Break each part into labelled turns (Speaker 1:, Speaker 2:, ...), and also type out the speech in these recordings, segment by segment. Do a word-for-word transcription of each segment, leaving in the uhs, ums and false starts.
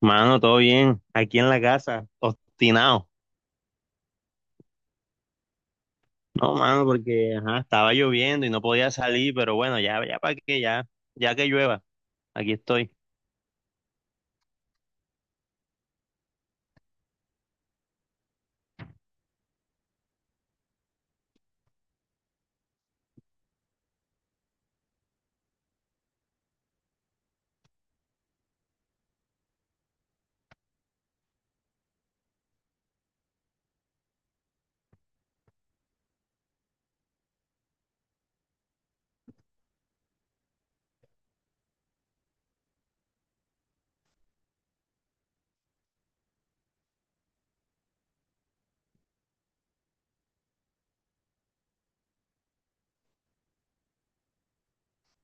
Speaker 1: Mano, todo bien, aquí en la casa, obstinado. No, mano, porque ajá, estaba lloviendo y no podía salir, pero bueno, ya, ya para que ya, ya que llueva, aquí estoy.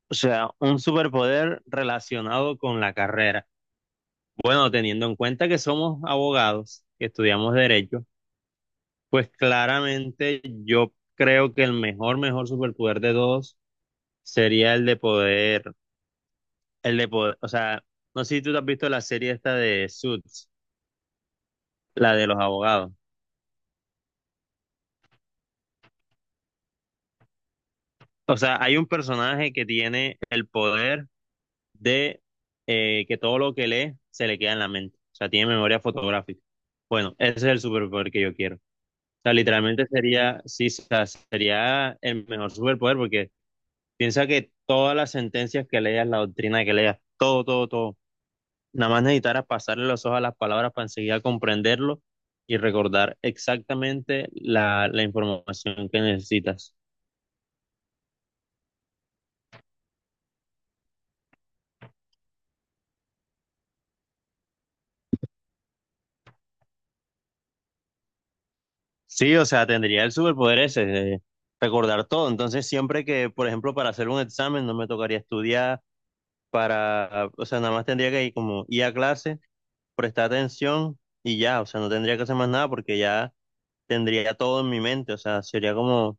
Speaker 1: O sea, un superpoder relacionado con la carrera. Bueno, teniendo en cuenta que somos abogados, que estudiamos derecho, pues claramente yo creo que el mejor, mejor superpoder de todos sería el de poder, el de poder, o sea, no sé si tú te has visto la serie esta de Suits, la de los abogados. O sea, hay un personaje que tiene el poder de eh, que todo lo que lee se le queda en la mente. O sea, tiene memoria fotográfica. Bueno, ese es el superpoder que yo quiero. O sea, literalmente sería, sí, o sea, sería el mejor superpoder porque piensa que todas las sentencias que leas, la doctrina que leas, todo, todo, todo, nada más necesitaras pasarle los ojos a las palabras para enseguida comprenderlo y recordar exactamente la, la información que necesitas. Sí, o sea, tendría el superpoder ese, de recordar todo. Entonces, siempre que, por ejemplo, para hacer un examen no me tocaría estudiar, para, o sea, nada más tendría que ir como ir a clase, prestar atención y ya, o sea, no tendría que hacer más nada porque ya tendría todo en mi mente, o sea, sería como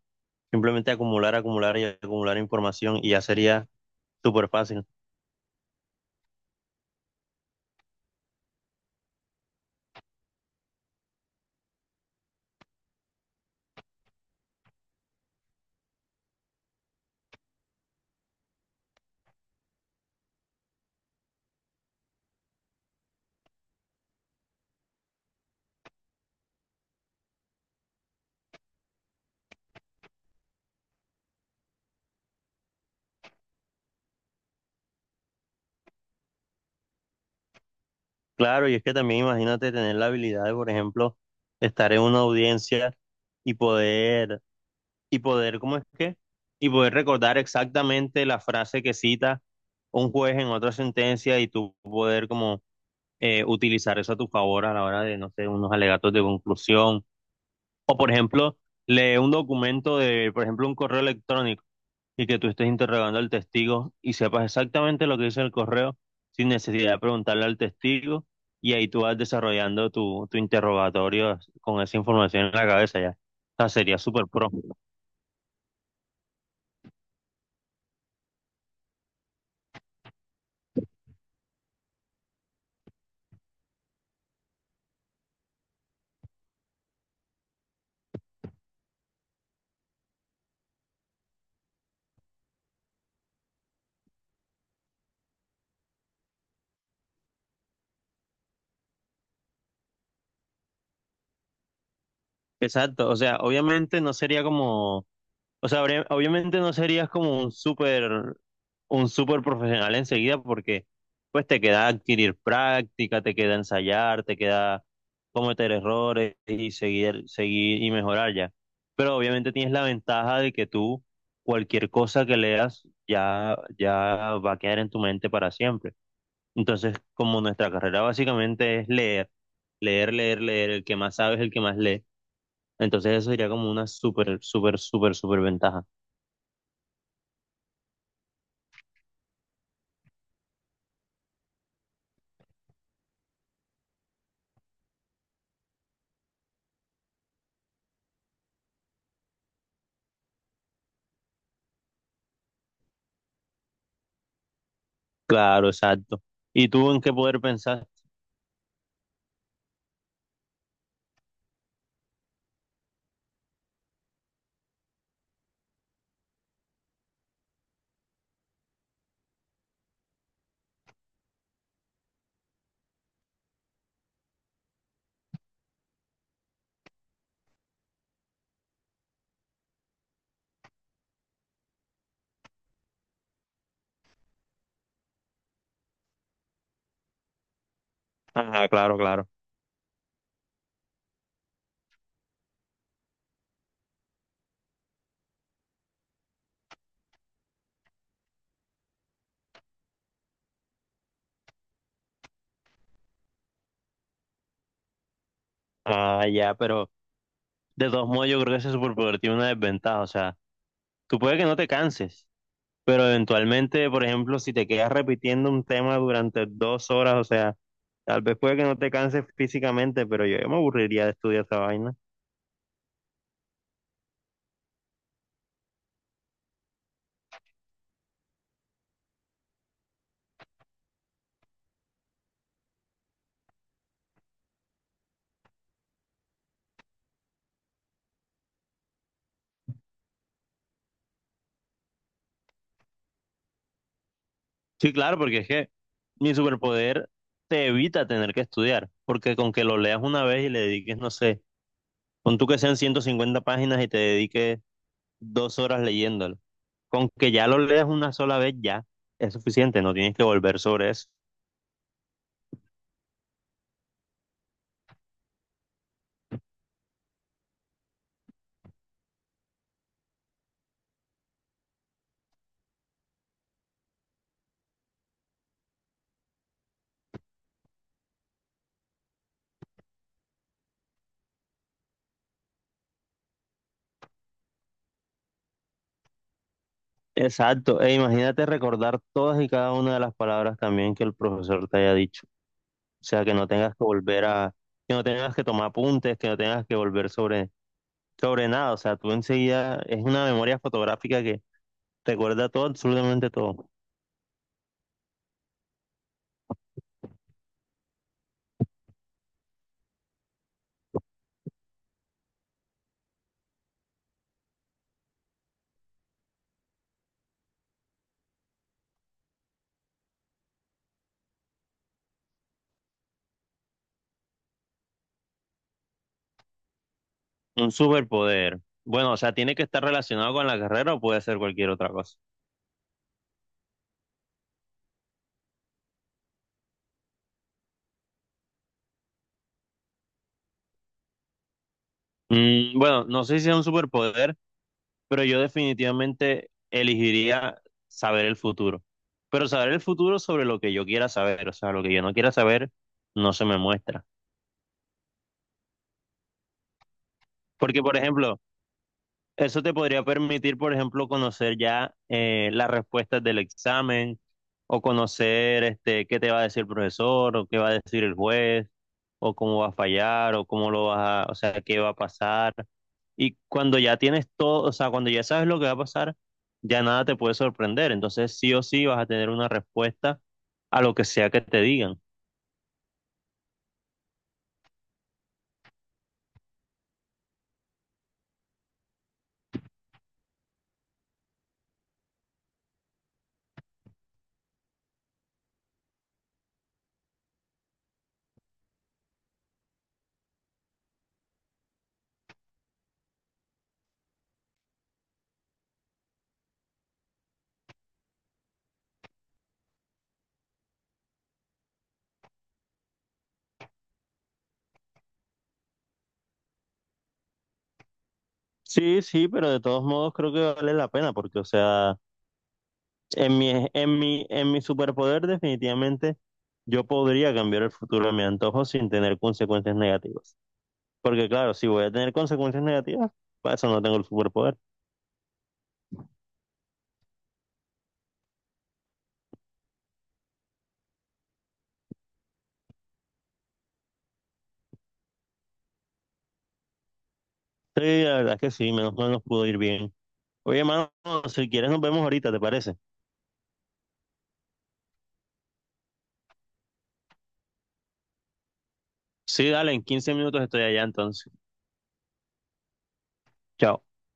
Speaker 1: simplemente acumular, acumular y acumular información y ya sería súper fácil. Claro, y es que también imagínate tener la habilidad de, por ejemplo, estar en una audiencia y poder y poder, ¿cómo es que? Y poder recordar exactamente la frase que cita un juez en otra sentencia y tú poder como eh, utilizar eso a tu favor a la hora de, no sé, unos alegatos de conclusión. O, por ejemplo, lee un documento de, por ejemplo, un correo electrónico y que tú estés interrogando al testigo y sepas exactamente lo que dice el correo sin necesidad de preguntarle al testigo y ahí tú vas desarrollando tu, tu interrogatorio con esa información en la cabeza ya. O sea, sería súper pro. Exacto, o sea, obviamente no sería como, o sea, habría- obviamente no serías como un súper, un súper profesional enseguida porque pues te queda adquirir práctica, te queda ensayar, te queda cometer errores y seguir, seguir y mejorar ya. Pero obviamente tienes la ventaja de que tú cualquier cosa que leas ya, ya va a quedar en tu mente para siempre. Entonces, como nuestra carrera básicamente es leer, leer, leer, leer, el que más sabe es el que más lee, entonces eso sería como una súper, súper, súper, súper ventaja. Claro, exacto. ¿Y tú en qué poder pensar? Ah, claro, claro. Ah, ya, pero de todos modos yo creo que ese superpoder tiene una desventaja. O sea, tú puedes que no te canses, pero eventualmente, por ejemplo, si te quedas repitiendo un tema durante dos horas, o sea, tal vez puede que no te canses físicamente, pero yo, yo me aburriría de estudiar esa vaina. Sí, claro, porque es que mi superpoder te evita tener que estudiar, porque con que lo leas una vez y le dediques, no sé. Pon tú que sean ciento cincuenta páginas y te dediques dos horas leyéndolo. Con que ya lo leas una sola vez, ya es suficiente, no tienes que volver sobre eso. Exacto, e imagínate recordar todas y cada una de las palabras también que el profesor te haya dicho. O sea, que no tengas que volver a, que no tengas que tomar apuntes, que no tengas que volver sobre, sobre nada. O sea, tú enseguida es una memoria fotográfica que recuerda todo, absolutamente todo. Un superpoder. Bueno, o sea, tiene que estar relacionado con la carrera o puede ser cualquier otra cosa. Mm, bueno, no sé si es un superpoder, pero yo definitivamente elegiría saber el futuro. Pero saber el futuro sobre lo que yo quiera saber, o sea, lo que yo no quiera saber no se me muestra. Porque, por ejemplo, eso te podría permitir, por ejemplo, conocer ya eh, las respuestas del examen o conocer este, qué te va a decir el profesor o qué va a decir el juez o cómo va a fallar, o cómo lo vas a, o sea, qué va a pasar. Y cuando ya tienes todo, o sea, cuando ya sabes lo que va a pasar, ya nada te puede sorprender. Entonces, sí o sí vas a tener una respuesta a lo que sea que te digan. Sí, sí, pero de todos modos creo que vale la pena porque, o sea, en mi, en mi, en mi superpoder definitivamente yo podría cambiar el futuro a mi antojo sin tener consecuencias negativas. Porque claro, si voy a tener consecuencias negativas, para eso no tengo el superpoder. Sí, la verdad es que sí, menos mal nos pudo ir bien. Oye, mano, si quieres nos vemos ahorita, ¿te parece? Sí, dale, en quince minutos estoy allá entonces. Chao.